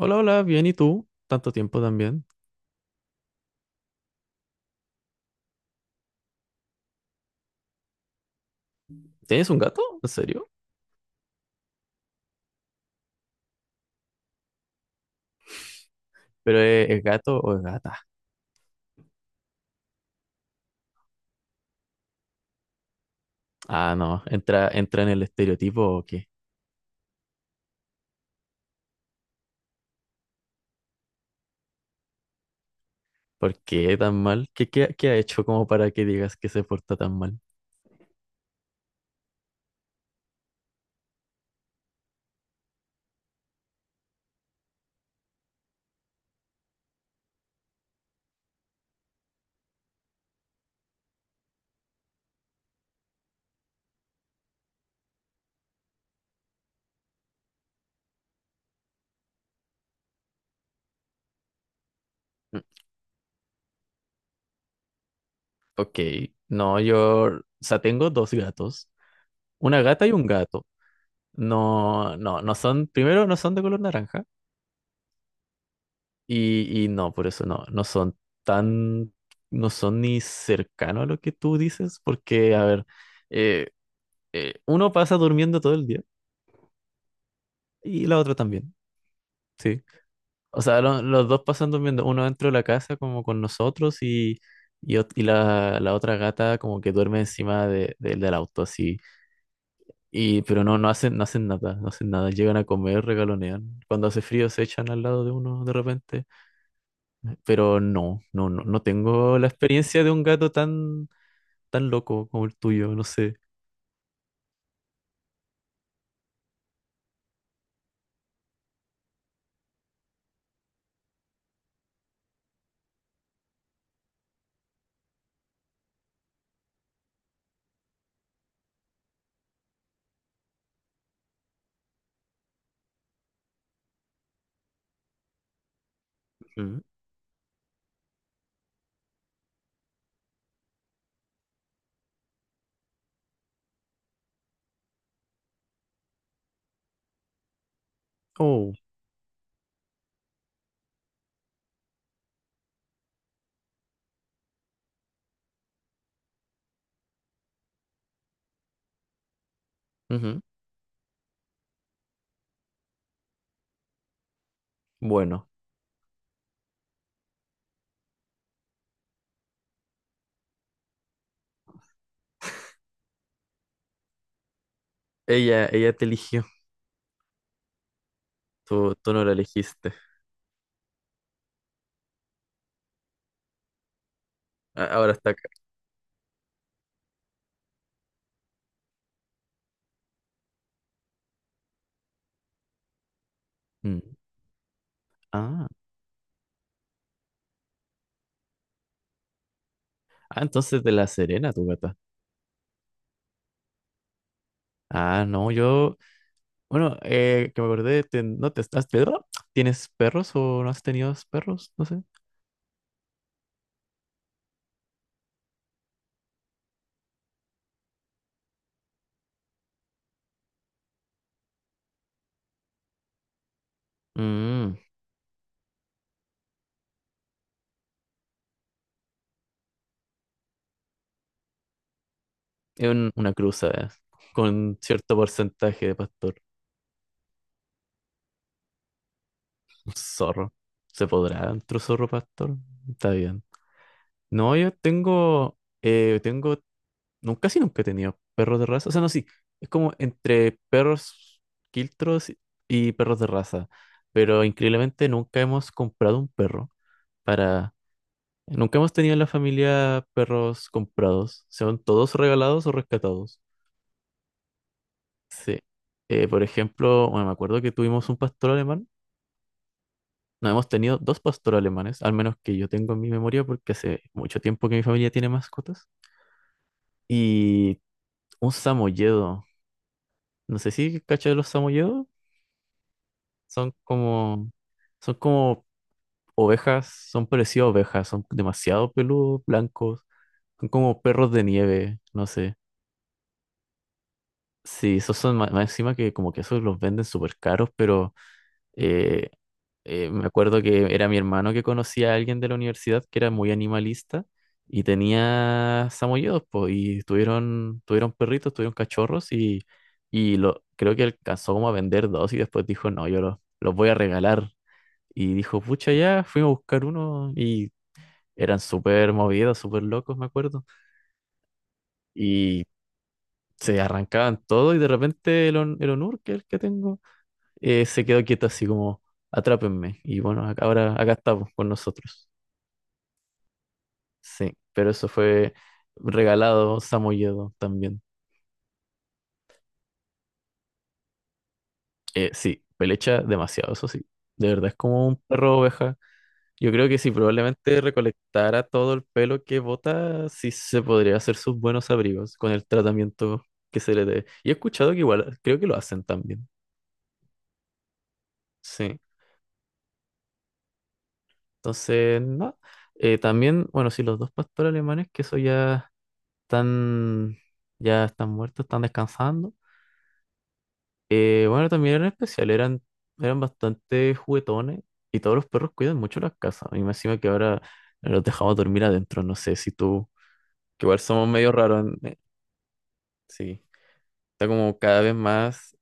Hola, hola, bien, ¿y tú? Tanto tiempo también. ¿Tienes un gato? ¿En serio? ¿Pero es gato o es gata? Ah, no, entra en el estereotipo o qué. ¿Por qué tan mal? ¿Qué ha hecho como para que digas que se porta tan mal? Mm, ok, no, yo, o sea, tengo dos gatos, una gata y un gato. No, no, no son, primero no son de color naranja y no, por eso no son tan, no son ni cercano a lo que tú dices, porque, a ver, eh, uno pasa durmiendo todo el día y la otra también, sí. O sea, los dos pasan durmiendo, uno dentro de la casa como con nosotros y la otra gata como que duerme encima del auto, así. Pero no, no hacen nada, llegan a comer, regalonean. Cuando hace frío se echan al lado de uno de repente, pero no tengo la experiencia de un gato tan loco como el tuyo, no sé. Mm. Oh, ujú. Bueno, ella te eligió, tú no la elegiste. Ahora está acá. Mm. Ah, ah, entonces de La Serena, tu gata. Ah, no, yo. Bueno, que me acordé, no te estás. ¿Tienes perros o no has tenido perros? No sé. Mm, es una cruza, con cierto porcentaje de pastor. Un zorro. ¿Se podrá otro zorro pastor? Está bien. No, yo tengo. eh, tengo Nunca, casi nunca he tenido perros de raza. O sea, no, sí. Es como entre perros quiltros y perros de raza. Pero increíblemente nunca hemos comprado un perro para. Nunca hemos tenido en la familia perros comprados. Son todos regalados o rescatados. Sí. Por ejemplo, bueno, me acuerdo que tuvimos un pastor alemán. No, hemos tenido dos pastores alemanes, al menos que yo tengo en mi memoria, porque hace mucho tiempo que mi familia tiene mascotas. Y un samoyedo. No sé si cachas de los samoyedos. Son como, son como ovejas, son parecidas a ovejas, son demasiado peludos, blancos, son como perros de nieve, no sé. Sí, esos son más, encima que como que esos los venden súper caros, pero eh, me acuerdo que era mi hermano que conocía a alguien de la universidad que era muy animalista y tenía samoyedos, pues, y tuvieron perritos, tuvieron cachorros y creo que alcanzó como a vender dos y después dijo, no, yo los voy a regalar. Y dijo, pucha, ya, fuimos a buscar uno y eran súper movidos, súper locos, me acuerdo. Y se arrancaban todo y de repente el Onur, que es el que tengo, se quedó quieto así como, atrápenme. Y bueno, ahora acá estamos con nosotros. Sí, pero eso fue regalado, samoyedo también. Sí, pelecha demasiado, eso sí. De verdad, es como un perro oveja. Yo creo que si probablemente recolectara todo el pelo que bota, sí se podría hacer sus buenos abrigos con el tratamiento que se le dé. Y he escuchado que igual, creo que lo hacen también. Sí. Entonces, no. También, bueno, sí, los dos pastores alemanes, que eso están, ya están muertos, están descansando. Bueno, también eran especial, eran bastante juguetones y todos los perros cuidan mucho las casas. Y me encima que ahora los dejamos dormir adentro, no sé si tú, que igual somos medio raros sí. Está como cada vez más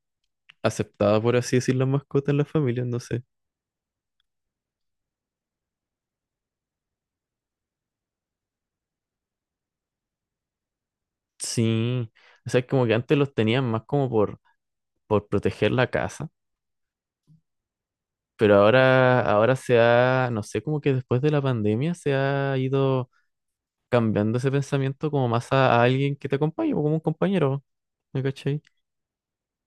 aceptada, por así decir, las mascotas en las familias, no sé. Sí, o sea, como que antes los tenían más como por proteger la casa, pero ahora se ha, no sé, como que después de la pandemia se ha ido cambiando ese pensamiento como más a alguien que te acompañe, o como un compañero, ¿me cachai?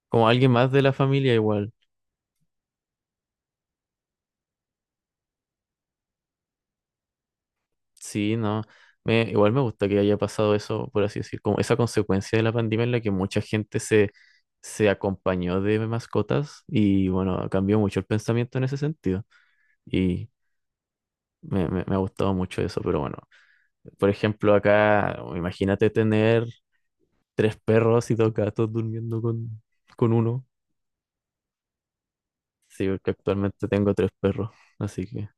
Como alguien más de la familia igual. Sí, no. Igual me gusta que haya pasado eso, por así decir, como esa consecuencia de la pandemia en la que mucha gente se acompañó de mascotas y bueno, cambió mucho el pensamiento en ese sentido. Y me ha gustado mucho eso, pero bueno, por ejemplo, acá, imagínate tener tres perros y dos gatos durmiendo con uno. Sí, porque actualmente tengo tres perros, así que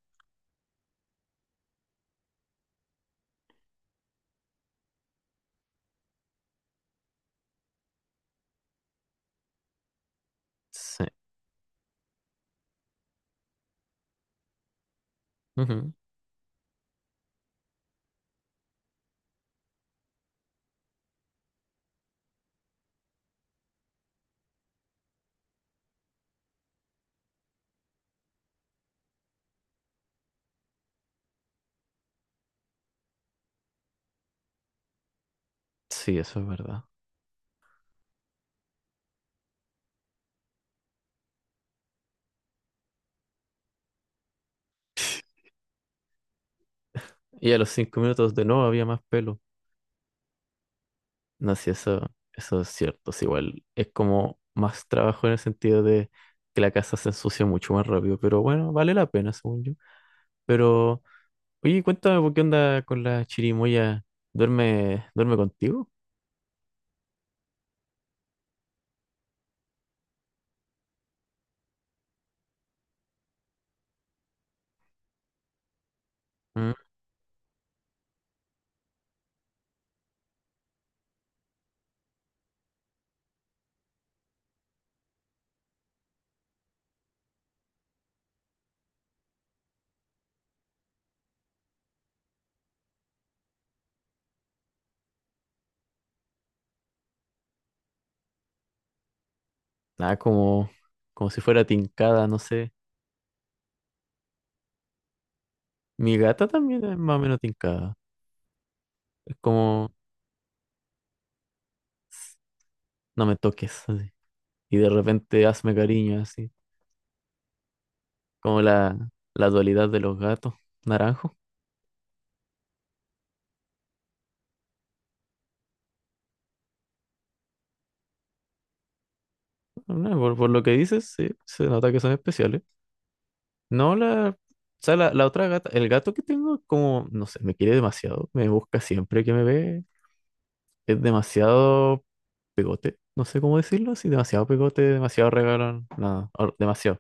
sí. Ujú. Sí, eso es verdad. Y a los 5 minutos de nuevo había más pelo. No, sí, eso es cierto. Sí, igual es como más trabajo en el sentido de que la casa se ensucia mucho más rápido, pero bueno, vale la pena, según yo. Pero, oye, cuéntame, ¿por qué onda con la chirimoya? ¿Duerme contigo? Mm, Nada, como si fuera tincada, no sé. Mi gata también es más o menos tincada. Es como, "Sss, no me toques", así. Y de repente hazme cariño, así. Como la dualidad de los gatos, naranjo. No, por lo que dices, sí, se nota que son especiales. No, o sea, la otra gata, el gato que tengo, como, no sé, me quiere demasiado, me busca siempre que me ve, es demasiado pegote, no sé cómo decirlo, así demasiado pegote, demasiado regalón, nada demasiado.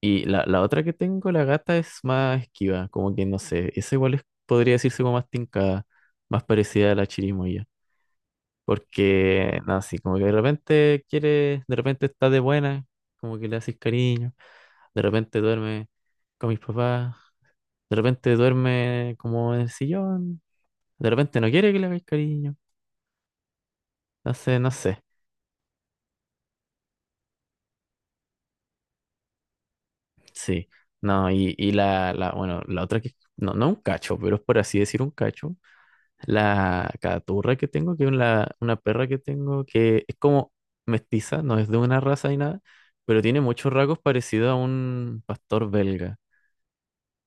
Y la otra que tengo, la gata, es más esquiva, como que, no sé, esa igual podría decirse como más tincada, más parecida a la chirimoya, porque, no, así, como que de repente quiere, de repente está de buena, como que le haces cariño. De repente duerme con mis papás. De repente duerme como en el sillón. De repente no quiere que le hagáis cariño. Entonces, no sé. Sí. No, y bueno, la otra que, no un cacho, pero es por así decir un cacho. La caturra que tengo, que es una perra que tengo, que es como mestiza, no es de una raza ni nada, pero tiene muchos rasgos parecidos a un pastor belga.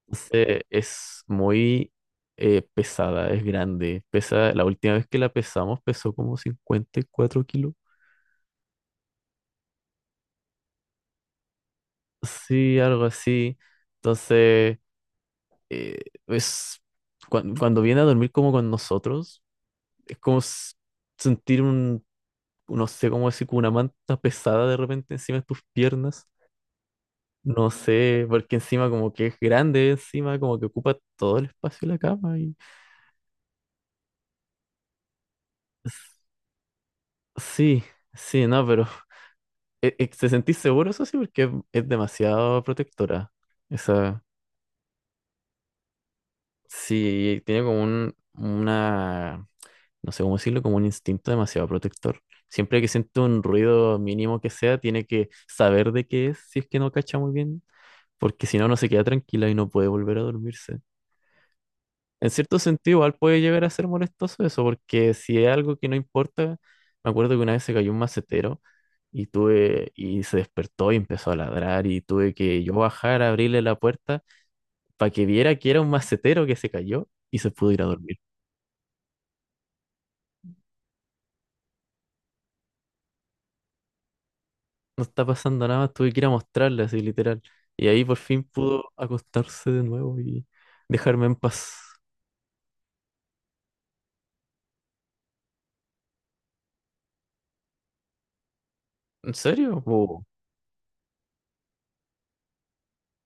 Entonces, es muy pesada, es grande. Pesa, la última vez que la pesamos pesó como 54 kilos. Sí, algo así. Entonces, eh, es, cuando viene a dormir como con nosotros, es como sentir un, no sé cómo decir, como una manta pesada de repente encima de tus piernas. No sé, porque encima como que es grande, encima como que ocupa todo el espacio de la cama. Y. s- Sí, sí, no, pero ¿te sentís seguro, eso sí? Porque es demasiado protectora. Esa, sí, tiene como un, una, no sé cómo decirlo, como un instinto demasiado protector. Siempre que siente un ruido mínimo que sea, tiene que saber de qué es, si es que no cacha muy bien, porque si no, no se queda tranquila y no puede volver a dormirse. En cierto sentido, igual puede llegar a ser molestoso eso, porque si es algo que no importa, me acuerdo que una vez se cayó un macetero y tuve, y se despertó y empezó a ladrar y tuve que yo bajar a abrirle la puerta para que viera que era un macetero que se cayó y se pudo ir a dormir. No está pasando nada, tuve que ir a mostrarle así literal. Y ahí por fin pudo acostarse de nuevo y dejarme en paz. ¿En serio? Oh,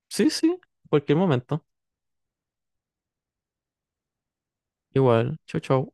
sí, sí, cualquier momento. Igual, chau, chau.